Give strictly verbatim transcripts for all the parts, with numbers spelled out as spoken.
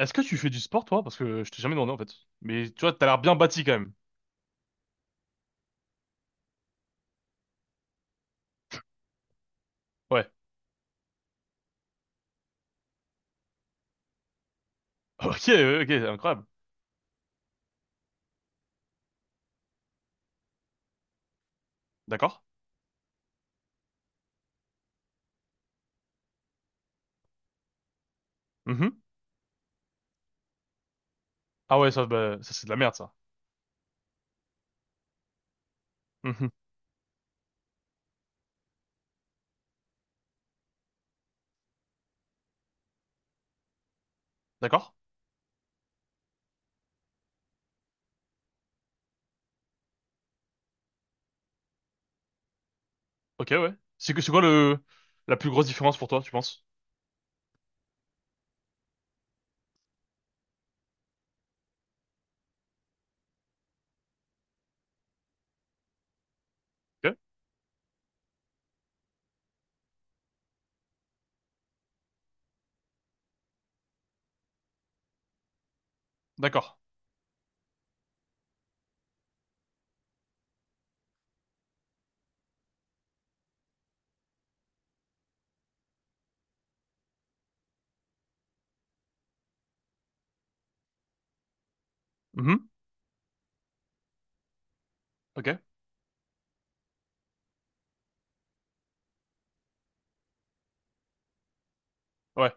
Est-ce que tu fais du sport, toi? Parce que je t'ai jamais demandé, en fait. Mais tu vois, t'as l'air bien bâti, quand même. Ouais. Ok, euh, ok, incroyable. D'accord. Mhm. Ah ouais, ça, bah, ça c'est de la merde, ça. Mhm. D'accord. Ok, ouais. C'est que c'est quoi le la plus grosse différence pour toi, tu penses? Ok. D'accord. Mhm. Ok. Ouais.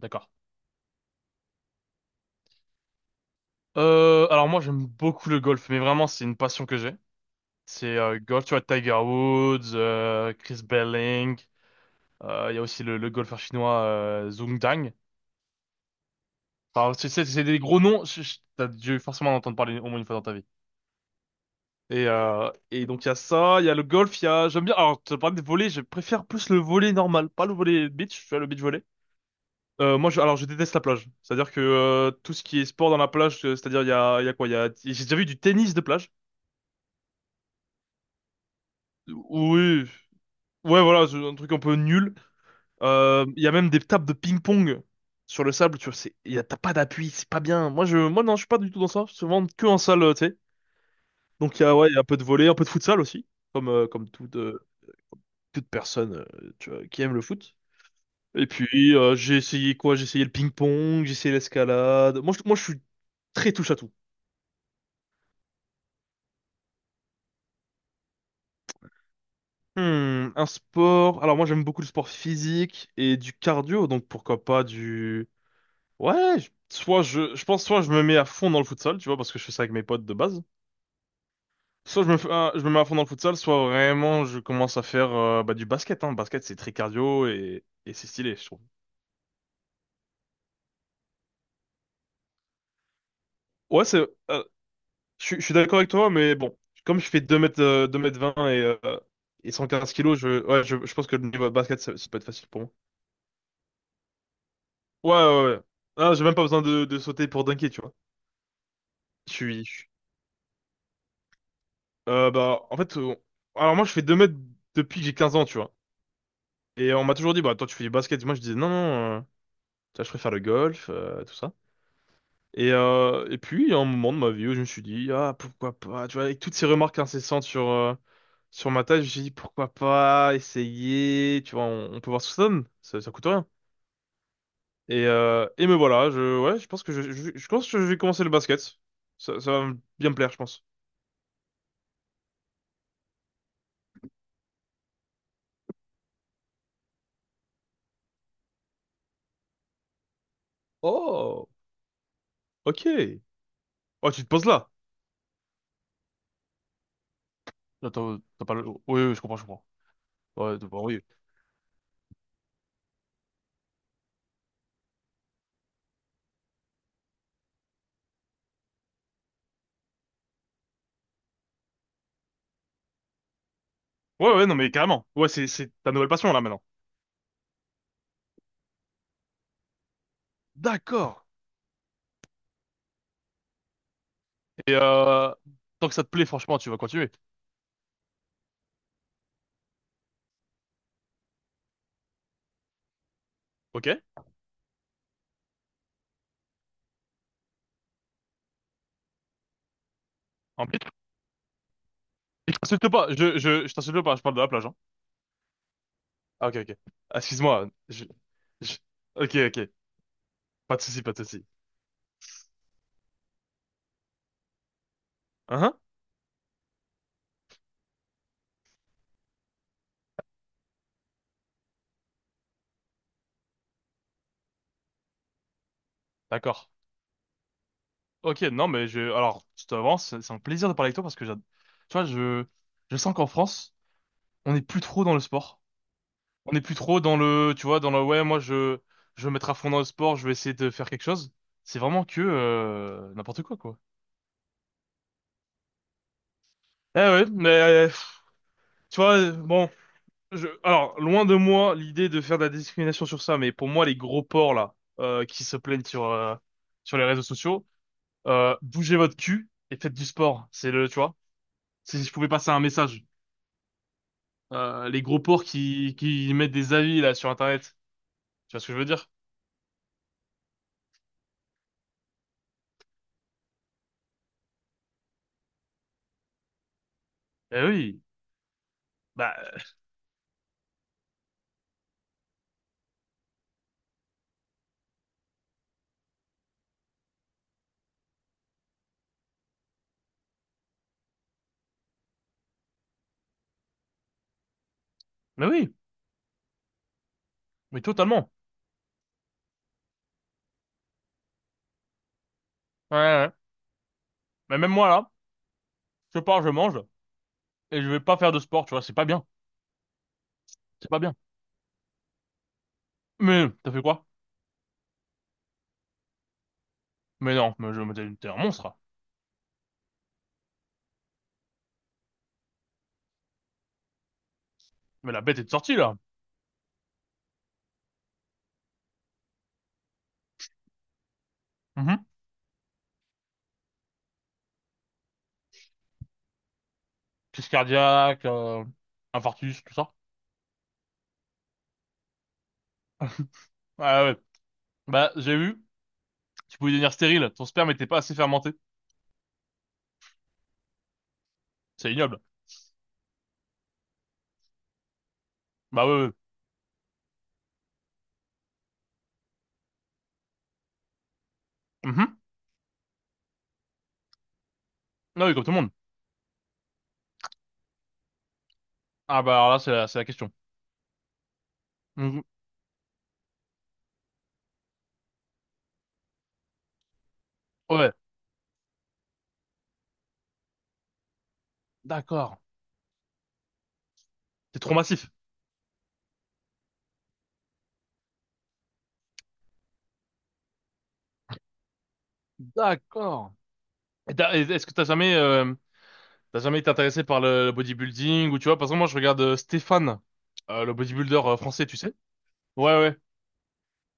D'accord. Euh, alors moi, j'aime beaucoup le golf, mais vraiment, c'est une passion que j'ai. C'est euh, golf, tu vois, Tiger Woods, euh, Chris Belling. euh, Il y a aussi le, le golfeur chinois euh, Zhong Dang. Enfin, c'est c'est- c'est des gros noms, je- je- t'as dû forcément en entendre parler au moins une fois dans ta vie. Et, euh, et donc il y a ça, il y a le golf, il y a... J'aime bien, alors tu parles de volley, je préfère plus le volley normal, pas le volley beach, tu vois, le beach volley. Euh, moi, je, alors je déteste la plage, c'est-à-dire que euh, tout ce qui est sport dans la plage, euh, c'est-à-dire il y a, il y a quoi, il y a... J'ai déjà vu du tennis de plage. Oui, ouais voilà, c'est un truc un peu nul. Euh, Il y a même des tables de ping-pong sur le sable, tu vois, c'est, il y a- t'as pas d'appui, c'est pas bien. Moi, je, moi non, je suis pas du tout dans ça, souvent que en salle, euh, tu sais. Donc il y a, ouais, il y a un peu de volley, un peu de futsal aussi, comme, euh, comme toute, euh, toute personne euh, tu vois, qui aime le foot. Et puis euh, j'ai essayé quoi? J'ai essayé le ping-pong, j'ai essayé l'escalade. Moi, je- moi je suis très touche à tout. Hmm, un sport. Alors moi j'aime beaucoup le sport physique et du cardio, donc pourquoi pas du. Ouais, je- soit je, je pense soit je me mets à fond dans le futsal, tu vois, parce que je fais ça avec mes potes de base. Soit je me, fais- ah, je me mets à fond dans le futsal, soit vraiment je commence à faire euh, bah, du basket. Hein. Le basket c'est très cardio et, et c'est stylé, je trouve. Ouais. C'est. euh, Je, suis je suis d'accord avec toi, mais bon, comme je fais deux mètres, euh, deux mètres vingt et, euh, et cent quinze kilos, je, ouais, je, je pense que le niveau basket, ça, ça peut être facile pour moi. Ouais, ouais, ouais. Ah, j'ai même pas besoin de, de, sauter pour dunker, tu vois. Je suis. je suis- euh, bah, en fait, euh, alors moi, je fais deux mètres depuis que j'ai quinze ans, tu vois. Et on m'a toujours dit, bah, toi, tu fais du basket. Moi, je disais, non, non, euh, tu vois, je préfère le golf, euh, tout ça. Et, euh, et puis, il y a un moment de ma vie où je me suis dit, ah, pourquoi pas, tu vois, avec toutes ces remarques incessantes sur. euh, Sur ma table, j'ai dit pourquoi pas essayer, tu vois, on, on peut voir ce que ça donne, ça, ça coûte rien. Et, euh, et me voilà, je, ouais, je pense que je, je, je pense que je vais commencer le basket. Ça, ça va bien me plaire, je pense. Oh, ok. Oh, tu te poses là. Attends, t'as pas le... Oui, oui, je comprends, je comprends. Ouais, bah oui. Ouais, ouais, non, mais carrément. Ouais, c'est, c'est ta nouvelle passion là maintenant. D'accord. Et euh, tant que ça te plaît, franchement, tu vas continuer. Ok? En plus, je t'insulte pas. Je, je, je t'insulte pas. Je parle de la plage, hein. Ah, ok, ok. Ah, excuse-moi. Je, je- Ok, ok. Pas de souci, pas de souci. Hein? Hein? D'accord. Ok, non, mais je, alors, je t'avance. C'est c'est un plaisir de parler avec toi parce que j'ad- tu vois, je, je sens qu'en France, on n'est plus trop dans le sport. On n'est plus trop dans le, tu vois, dans le, ouais, moi, je, je vais me mettre à fond dans le sport. Je vais essayer de faire quelque chose. C'est vraiment que, euh, n'importe quoi, quoi. Eh ouais, mais, euh, pff, tu vois, euh, bon, Je, alors, loin de moi l'idée de faire de la discrimination sur ça, mais pour moi, les gros porcs là, euh, qui se plaignent sur euh, sur les réseaux sociaux, euh, bougez votre cul et faites du sport. C'est le, tu vois, si je pouvais passer un message. Euh, les gros porcs qui qui mettent des avis là sur Internet. Tu vois ce que je veux dire? Eh oui, bah, euh, mais oui, mais totalement. Ouais, ouais. Mais même moi là, je pars, je mange et je vais pas faire de sport. Tu vois, c'est pas bien, c'est pas bien. Mais t'as fait quoi? Mais non, mais je mais t'es un monstre. Mais la bête est sortie là. Crise cardiaque, euh, infarctus, tout ça. Ah ouais. Bah, j'ai vu, tu pouvais devenir stérile, ton sperme n'était pas assez fermenté. C'est ignoble. Bah ouais, ouais. Mhm. Non, oui, comme tout le monde. Ah bah alors là, c'est la, c'est la question. Mhm. Ouais, d'accord. C'est trop massif. D'accord. Et t'as- et est-ce que t'as jamais, euh, t'as jamais été intéressé par le, le bodybuilding ou tu vois, parce que moi, je regarde euh, Stéphane, euh, le bodybuilder euh, français, tu sais. Ouais, ouais.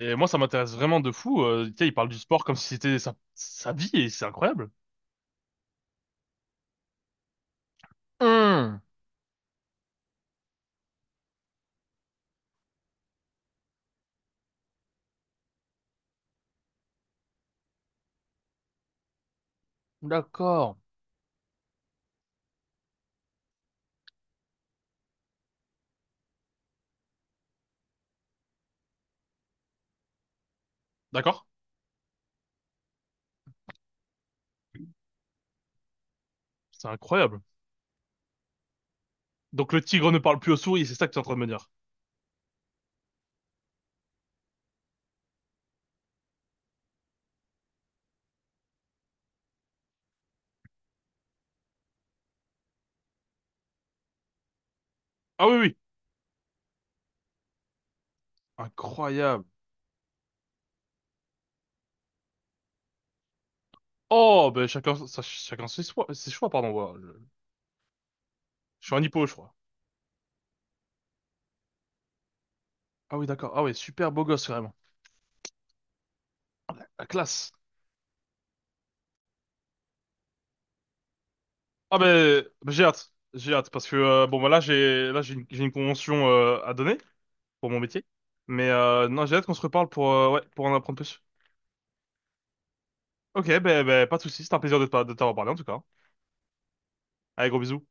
Et moi, ça m'intéresse vraiment de fou. Euh, tu sais, il parle du sport comme si c'était sa, sa vie et c'est incroyable. Hum, d'accord. D'accord. C'est incroyable. Donc le tigre ne parle plus aux souris, c'est ça que tu es en train de me dire. Ah oui, oui. Incroyable. Oh, ben chacun, sa- chacun ses choix, ses choix, pardon. Voilà. Je, je suis un hippo, je crois. Ah oui, d'accord. Ah oui, super beau gosse, vraiment. La classe. Ah ben, ben, j'ai hâte. J'ai hâte parce que euh, bon bah là j'ai là j'ai une, j'ai une convention euh, à donner pour mon métier. Mais euh, non, j'ai hâte qu'on se reparle pour euh, ouais, pour en apprendre plus. Ok, ben ben pas de soucis, c'était un plaisir de, t'a- de t'avoir parlé en tout cas. Allez, gros bisous.